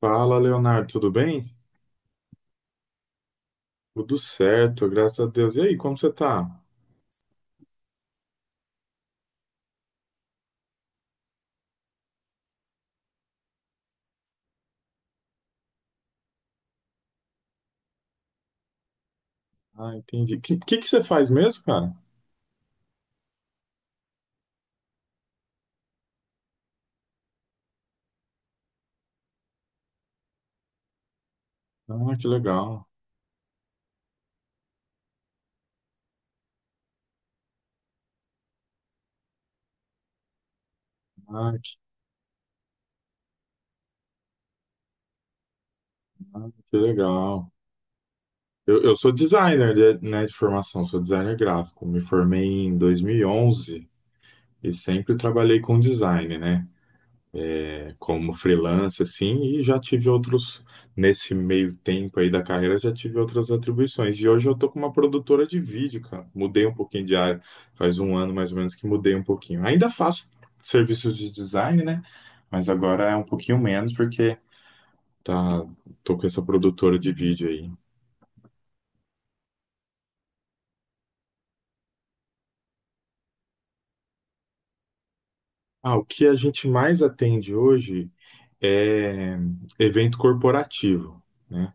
Fala, Leonardo, tudo bem? Tudo certo, graças a Deus. E aí, como você tá? Ah, entendi. O que você faz mesmo, cara? Ah, que legal. Ah, que, ah, que legal. Eu sou designer, né, de formação, sou designer gráfico. Me formei em 2011 e sempre trabalhei com design, né? Como freelancer, assim, e já tive outros, nesse meio tempo aí da carreira, já tive outras atribuições. E hoje eu tô com uma produtora de vídeo, cara. Mudei um pouquinho de área, faz um ano mais ou menos que mudei um pouquinho. Ainda faço serviços de design, né? Mas agora é um pouquinho menos, porque tá, tô com essa produtora de vídeo aí. Ah, o que a gente mais atende hoje é evento corporativo. Né?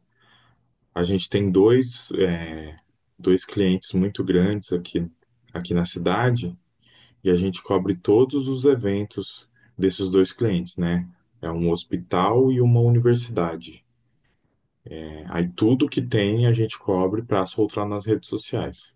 A gente tem dois clientes muito grandes aqui, aqui na cidade, e a gente cobre todos os eventos desses dois clientes, né? É um hospital e uma universidade. É, aí tudo que tem a gente cobre para soltar nas redes sociais.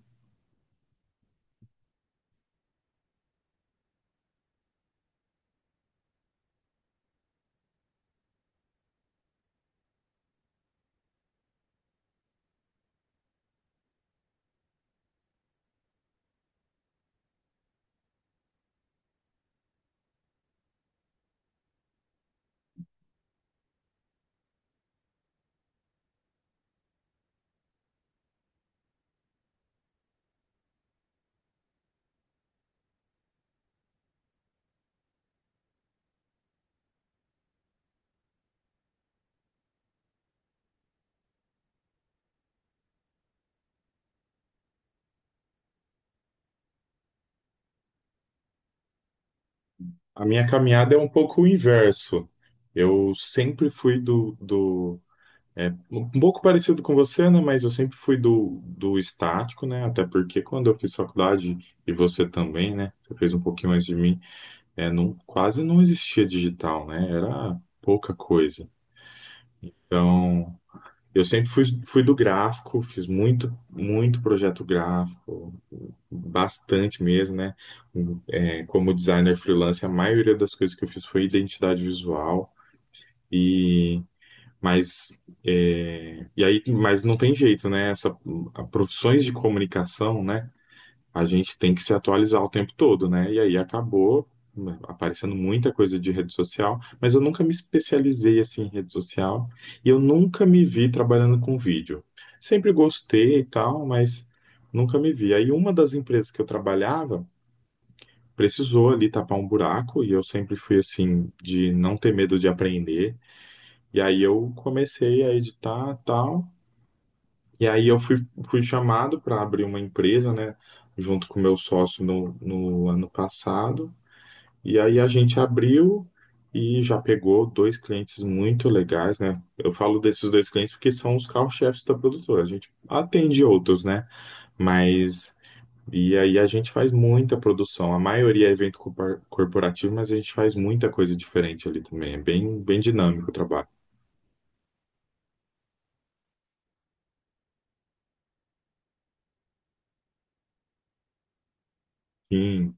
A minha caminhada é um pouco o inverso. Eu sempre fui do, do É um pouco parecido com você, né? Mas eu sempre fui do estático, né? Até porque quando eu fiz faculdade, e você também, né? Você fez um pouquinho mais de mim, é, não, quase não existia digital, né? Era pouca coisa. Então, eu sempre fui do gráfico, fiz muito projeto gráfico, bastante mesmo, né? É, como designer freelance, a maioria das coisas que eu fiz foi identidade visual. Mas, é, e aí, mas não tem jeito, né? Profissões de comunicação, né? A gente tem que se atualizar o tempo todo, né? E aí acabou, né, aparecendo muita coisa de rede social, mas eu nunca me especializei assim em rede social e eu nunca me vi trabalhando com vídeo. Sempre gostei e tal, mas nunca me vi. Aí uma das empresas que eu trabalhava precisou ali tapar um buraco, e eu sempre fui assim de não ter medo de aprender. E aí eu comecei a editar tal. E aí eu fui chamado para abrir uma empresa, né? Junto com o meu sócio no ano passado. E aí a gente abriu e já pegou dois clientes muito legais, né? Eu falo desses dois clientes porque são os carro-chefes da produtora. A gente atende outros, né? Mas. E aí a gente faz muita produção. A maioria é evento corporativo, mas a gente faz muita coisa diferente ali também. É bem dinâmico o trabalho. Sim,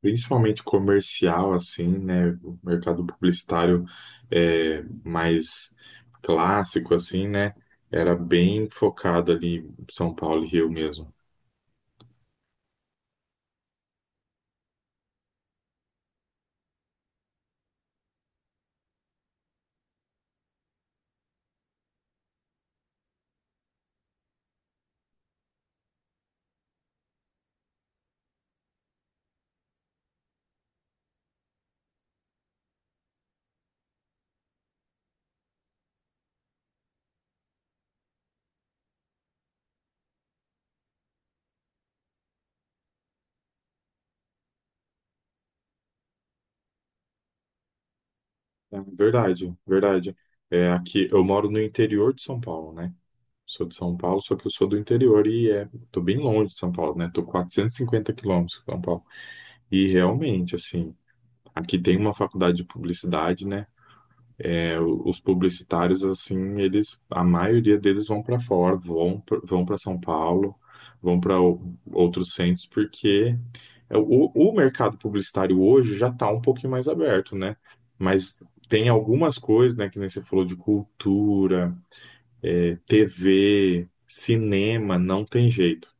principalmente comercial, assim, né? O mercado publicitário é, mais clássico, assim, né? Era bem focado ali em São Paulo e Rio mesmo. É, verdade, verdade. É, aqui, eu moro no interior de São Paulo, né? Sou de São Paulo, só que eu sou do interior e é, tô bem longe de São Paulo, né? Tô 450 quilômetros de São Paulo. E realmente, assim, aqui tem uma faculdade de publicidade, né? É, os publicitários, assim, eles, a maioria deles vão para fora, vão para São Paulo, vão para outros centros, porque é o mercado publicitário hoje já está um pouquinho mais aberto, né? Mas tem algumas coisas, né, que nem você falou de cultura, é, TV, cinema, não tem jeito.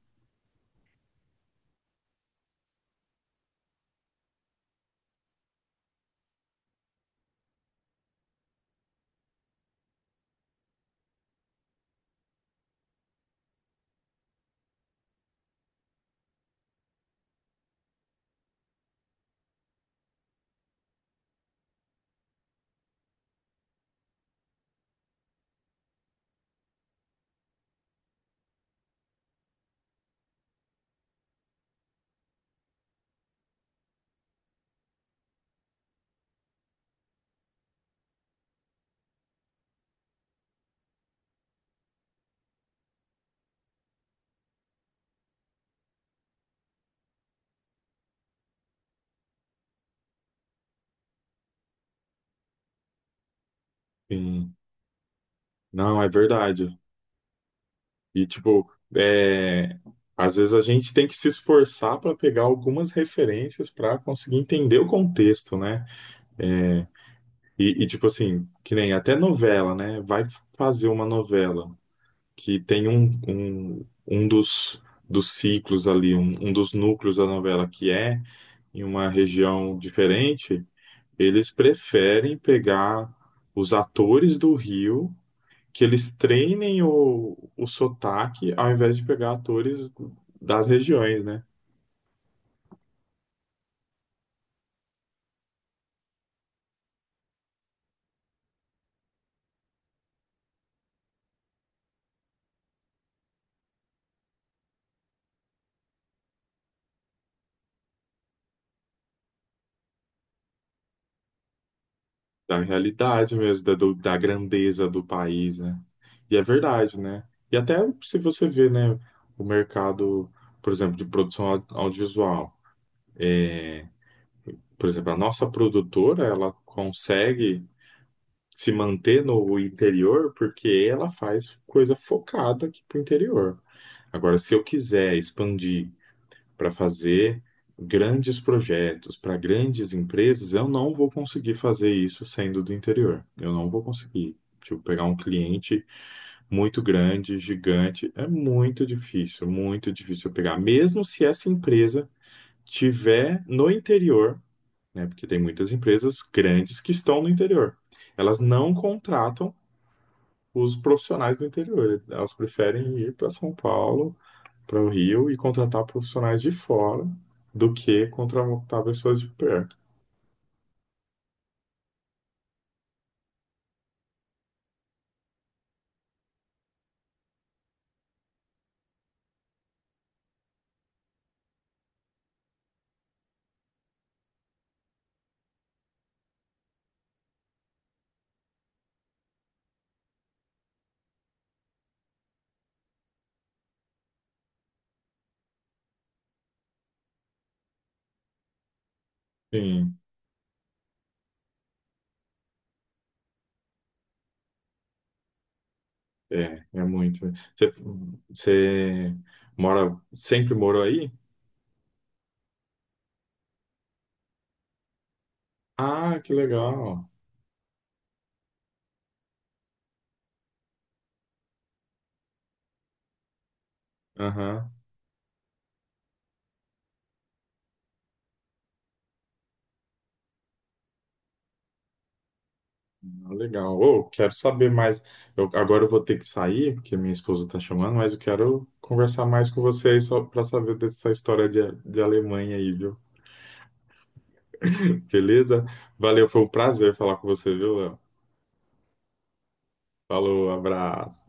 Sim. Não, é verdade. E, tipo, é, às vezes a gente tem que se esforçar para pegar algumas referências para conseguir entender o contexto, né? E, tipo assim, que nem até novela, né? Vai fazer uma novela que tem dos ciclos ali, um dos núcleos da novela que é em uma região diferente, eles preferem pegar os atores do Rio que eles treinem o sotaque, ao invés de pegar atores das regiões, né? Da realidade mesmo, da grandeza do país, né? E é verdade, né? E até se você vê, né, o mercado, por exemplo, de produção audiovisual. Por exemplo, a nossa produtora, ela consegue se manter no interior porque ela faz coisa focada aqui pro interior. Agora, se eu quiser expandir para fazer grandes projetos para grandes empresas, eu não vou conseguir fazer isso sendo do interior. Eu não vou conseguir. Tipo, pegar um cliente muito grande, gigante, é muito difícil pegar. Mesmo se essa empresa tiver no interior, né? Porque tem muitas empresas grandes que estão no interior. Elas não contratam os profissionais do interior. Elas preferem ir para São Paulo, para o Rio e contratar profissionais de fora, do que contratar pessoas de perto. Sim, é, é muito. Você, você mora, sempre morou aí? Ah, que legal. Aham, legal. Ô, quero saber mais. Agora eu vou ter que sair, porque minha esposa está chamando, mas eu quero conversar mais com vocês só para saber dessa história de Alemanha aí, viu? Beleza? Valeu, foi um prazer falar com você, viu, Léo? Falou, abraço.